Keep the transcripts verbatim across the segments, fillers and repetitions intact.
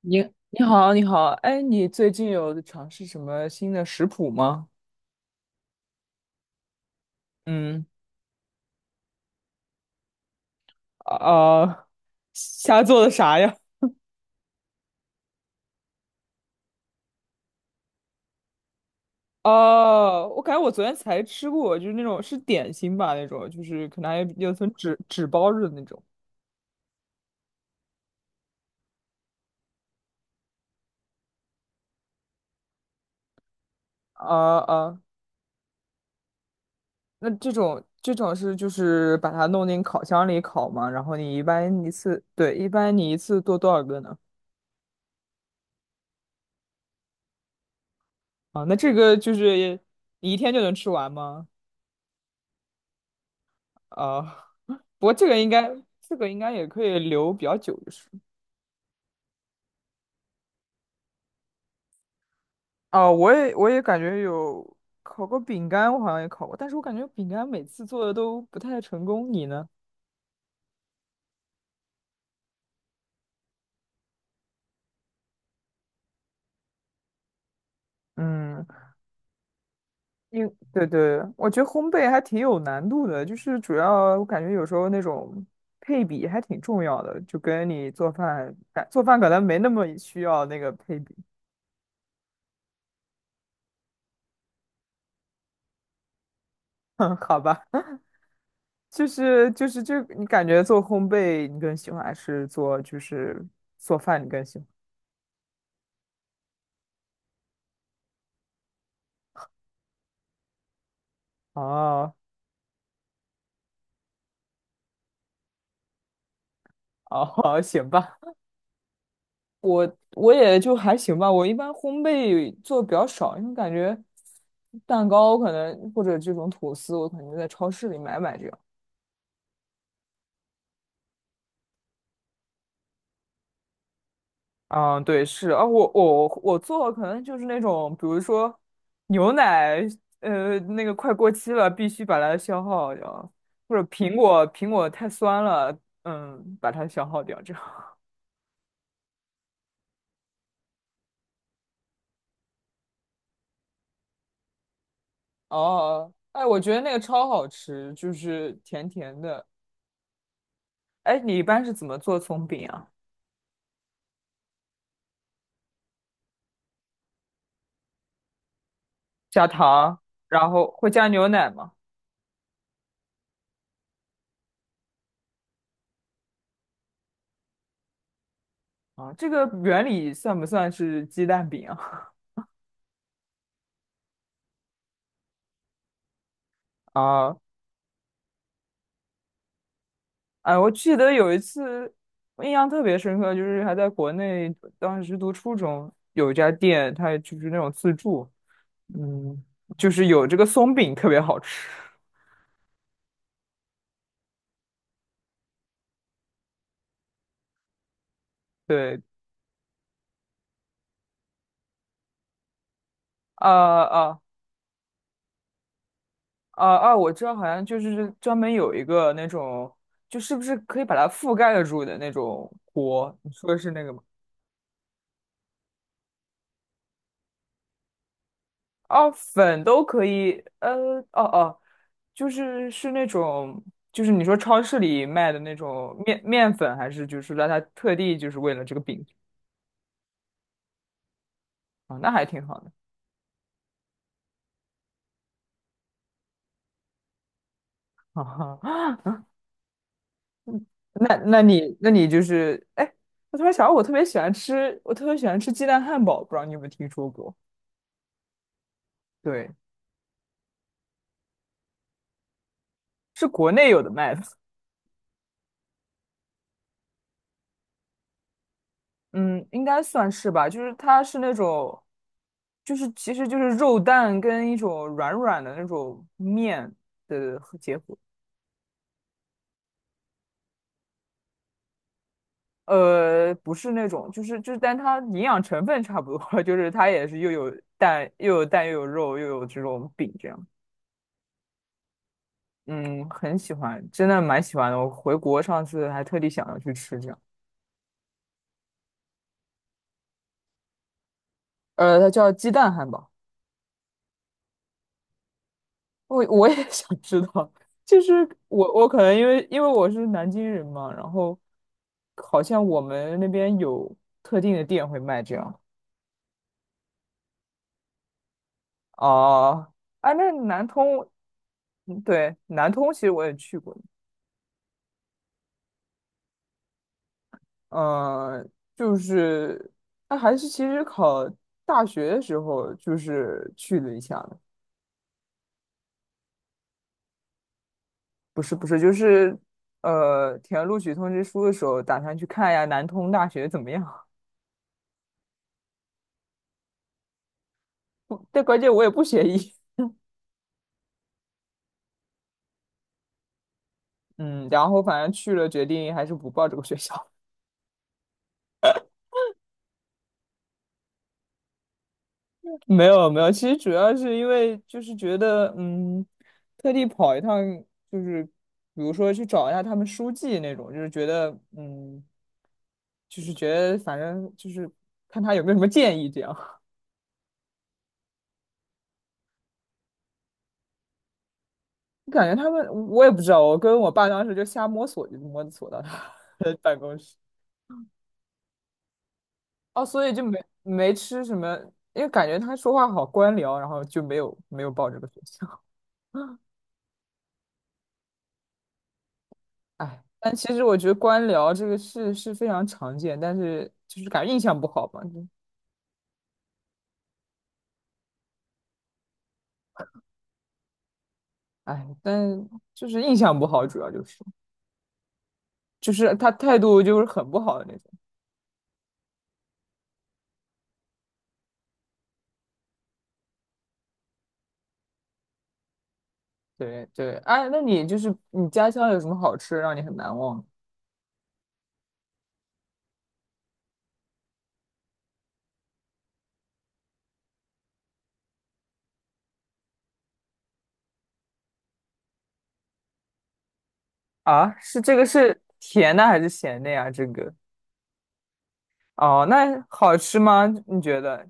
你你好，你好，哎，你最近有尝试什么新的食谱吗？嗯，啊，啊瞎做的啥呀？哦，我感觉我昨天才吃过，就是那种是点心吧，那种就是可能还有层纸纸包着的那种。啊啊，那这种这种是就是把它弄进烤箱里烤嘛，然后你一般一次，对，一般你一次做多少个呢？啊，那这个就是你一天就能吃完吗？啊，不过这个应该，这个应该也可以留比较久，就是。啊，我也我也感觉有烤过饼干，我好像也烤过，但是我感觉饼干每次做的都不太成功。你呢？嗯，因对对，我觉得烘焙还挺有难度的，就是主要我感觉有时候那种配比还挺重要的，就跟你做饭，感做饭可能没那么需要那个配比。好吧。就是就是就你感觉做烘焙你更喜欢，还是做就是做饭你更喜欢？哦哦，行吧，我也就还行吧。我一般烘焙做的比较少，因为感觉蛋糕可能或者这种吐司，我可能就在超市里买买这样。嗯，对，是啊，我我我做可能就是那种，比如说牛奶，呃，那个快过期了，必须把它消耗掉，或者苹果苹果太酸了，嗯，把它消耗掉这样。哦，哎，我觉得那个超好吃，就是甜甜的。哎，你一般是怎么做葱饼啊？加糖，然后会加牛奶吗？啊，这个原理算不算是鸡蛋饼啊？啊，哎，我记得有一次，我印象特别深刻，就是还在国内，当时读初中，有一家店，它就是那种自助，嗯，就是有这个松饼特别好吃。对，啊啊。啊啊，我知道，好像就是专门有一个那种，就是不是可以把它覆盖得住的那种锅？你说的是那个吗？哦，粉都可以，呃，哦哦，就是是那种，就是你说超市里卖的那种面面粉，还是就是让它特地就是为了这个饼啊，那还挺好的。啊那那你那你就是，哎，我突然想到，我特别喜欢吃，我特别喜欢吃鸡蛋汉堡，不知道你有没有听说过？对，是国内有的卖的。嗯，应该算是吧，就是它是那种，就是其实就是肉蛋跟一种软软的那种面的和结合，呃，不是那种，就是就是，但它营养成分差不多，就是它也是又有蛋又有蛋又有肉又有这种饼这样，嗯，很喜欢，真的蛮喜欢的，我回国上次还特地想要去吃这样，呃，它叫鸡蛋汉堡。我我也 想知道，就是我我可能因为因为我是南京人嘛，然后好像我们那边有特定的店会卖这样。哦，哎，那南通，嗯对，南通其实我也去过，嗯，就是那还是其实考大学的时候就是去了一下的。不是不是，就是呃填录取通知书的时候，打算去看一下南通大学怎么样。不但关键我也不学医，嗯，然后反正去了，决定还是不报这个学校。没有没有，其实主要是因为就是觉得，嗯，特地跑一趟，就是比如说去找一下他们书记那种，就是觉得，嗯，就是觉得反正就是看他有没有什么建议这样。感觉他们我也不知道，我跟我爸当时就瞎摸索，就摸索到他的 办公室。哦，所以就没没吃什么，因为感觉他说话好官僚，然后就没有没有报这个学校。哎，但其实我觉得官僚这个事是非常常见，但是就是感觉印象不好嘛，就哎，但就是印象不好，主要就是就是他态度就是很不好的那种。对对，哎，那你就是你家乡有什么好吃让你很难忘啊？是这个是甜的还是咸的呀？这个哦，那好吃吗？你觉得？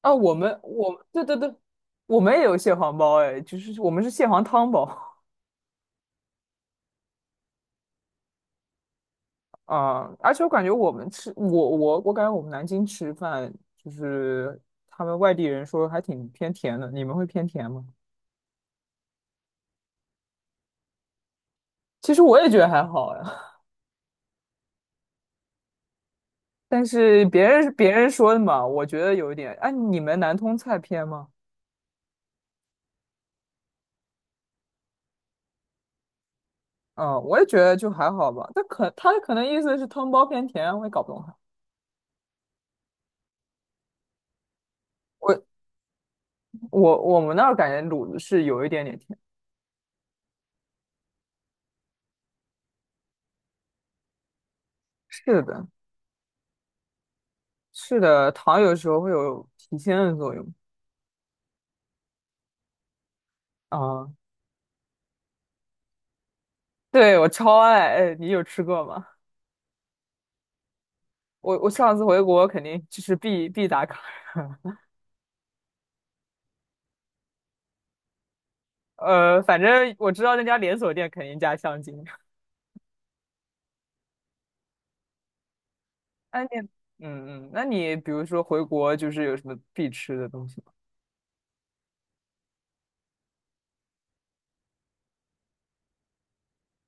啊，我们我对对对，我们也有蟹黄包哎，就是我们是蟹黄汤包。啊，而且我感觉我们吃，我我我感觉我们南京吃饭，就是他们外地人说还挺偏甜的，你们会偏甜吗？其实我也觉得还好呀，但是别人别人说的嘛，我觉得有一点。哎，你们南通菜偏吗？嗯，我也觉得就还好吧。但可他可能意思是汤包偏甜啊，我也搞不懂他。我我我们那儿感觉卤子是有一点点甜。是的，是的，糖有时候会有提鲜的作用。啊，对，我超爱。哎，你有吃过吗？我我上次回国肯定就是必必打卡啊，呃，反正我知道那家连锁店肯定加香精。那你，嗯嗯，那你比如说回国就是有什么必吃的东西吗？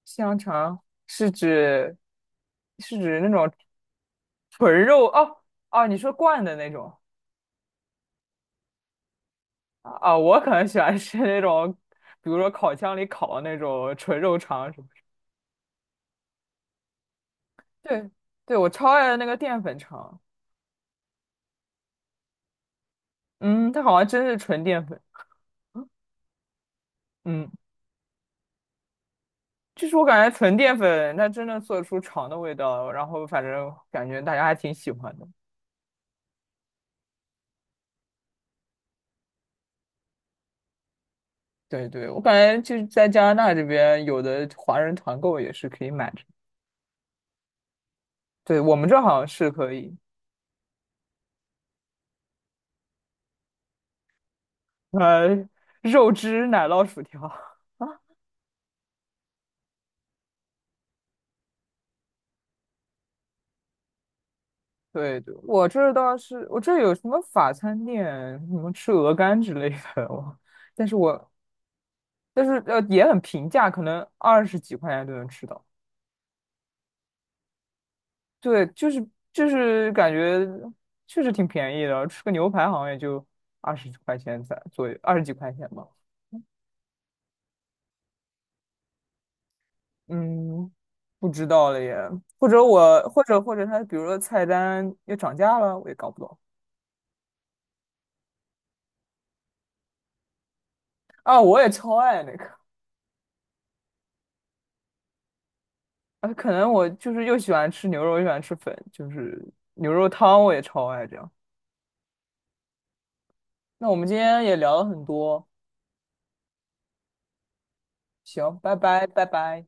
香肠是指是指那种纯肉哦。哦，你说灌的那种。啊啊，我可能喜欢吃那种，比如说烤箱里烤的那种纯肉肠什么的。对对，我超爱那个淀粉肠，嗯，它好像真是纯淀粉，嗯。就是我感觉纯淀粉它真的做出肠的味道，然后反正感觉大家还挺喜欢的。对对，我感觉就是在加拿大这边有的华人团购也是可以买的。对，我们这好像是可以，呃，肉汁奶酪薯条。对对，我这儿倒是我这儿有什么法餐店，什么吃鹅肝之类的，我，但是我但是呃也很平价，可能二十几块钱就能吃到。对，就是就是感觉确实挺便宜的，吃个牛排好像也就二十块钱才左右，二十几块钱吧。嗯，不知道了耶。或者我或者或者他比如说菜单又涨价了，我也搞不懂啊。我也超爱那个，啊，可能我就是又喜欢吃牛肉，又喜欢吃粉，就是牛肉汤我也超爱这样。那我们今天也聊了很多，行，拜拜，拜拜。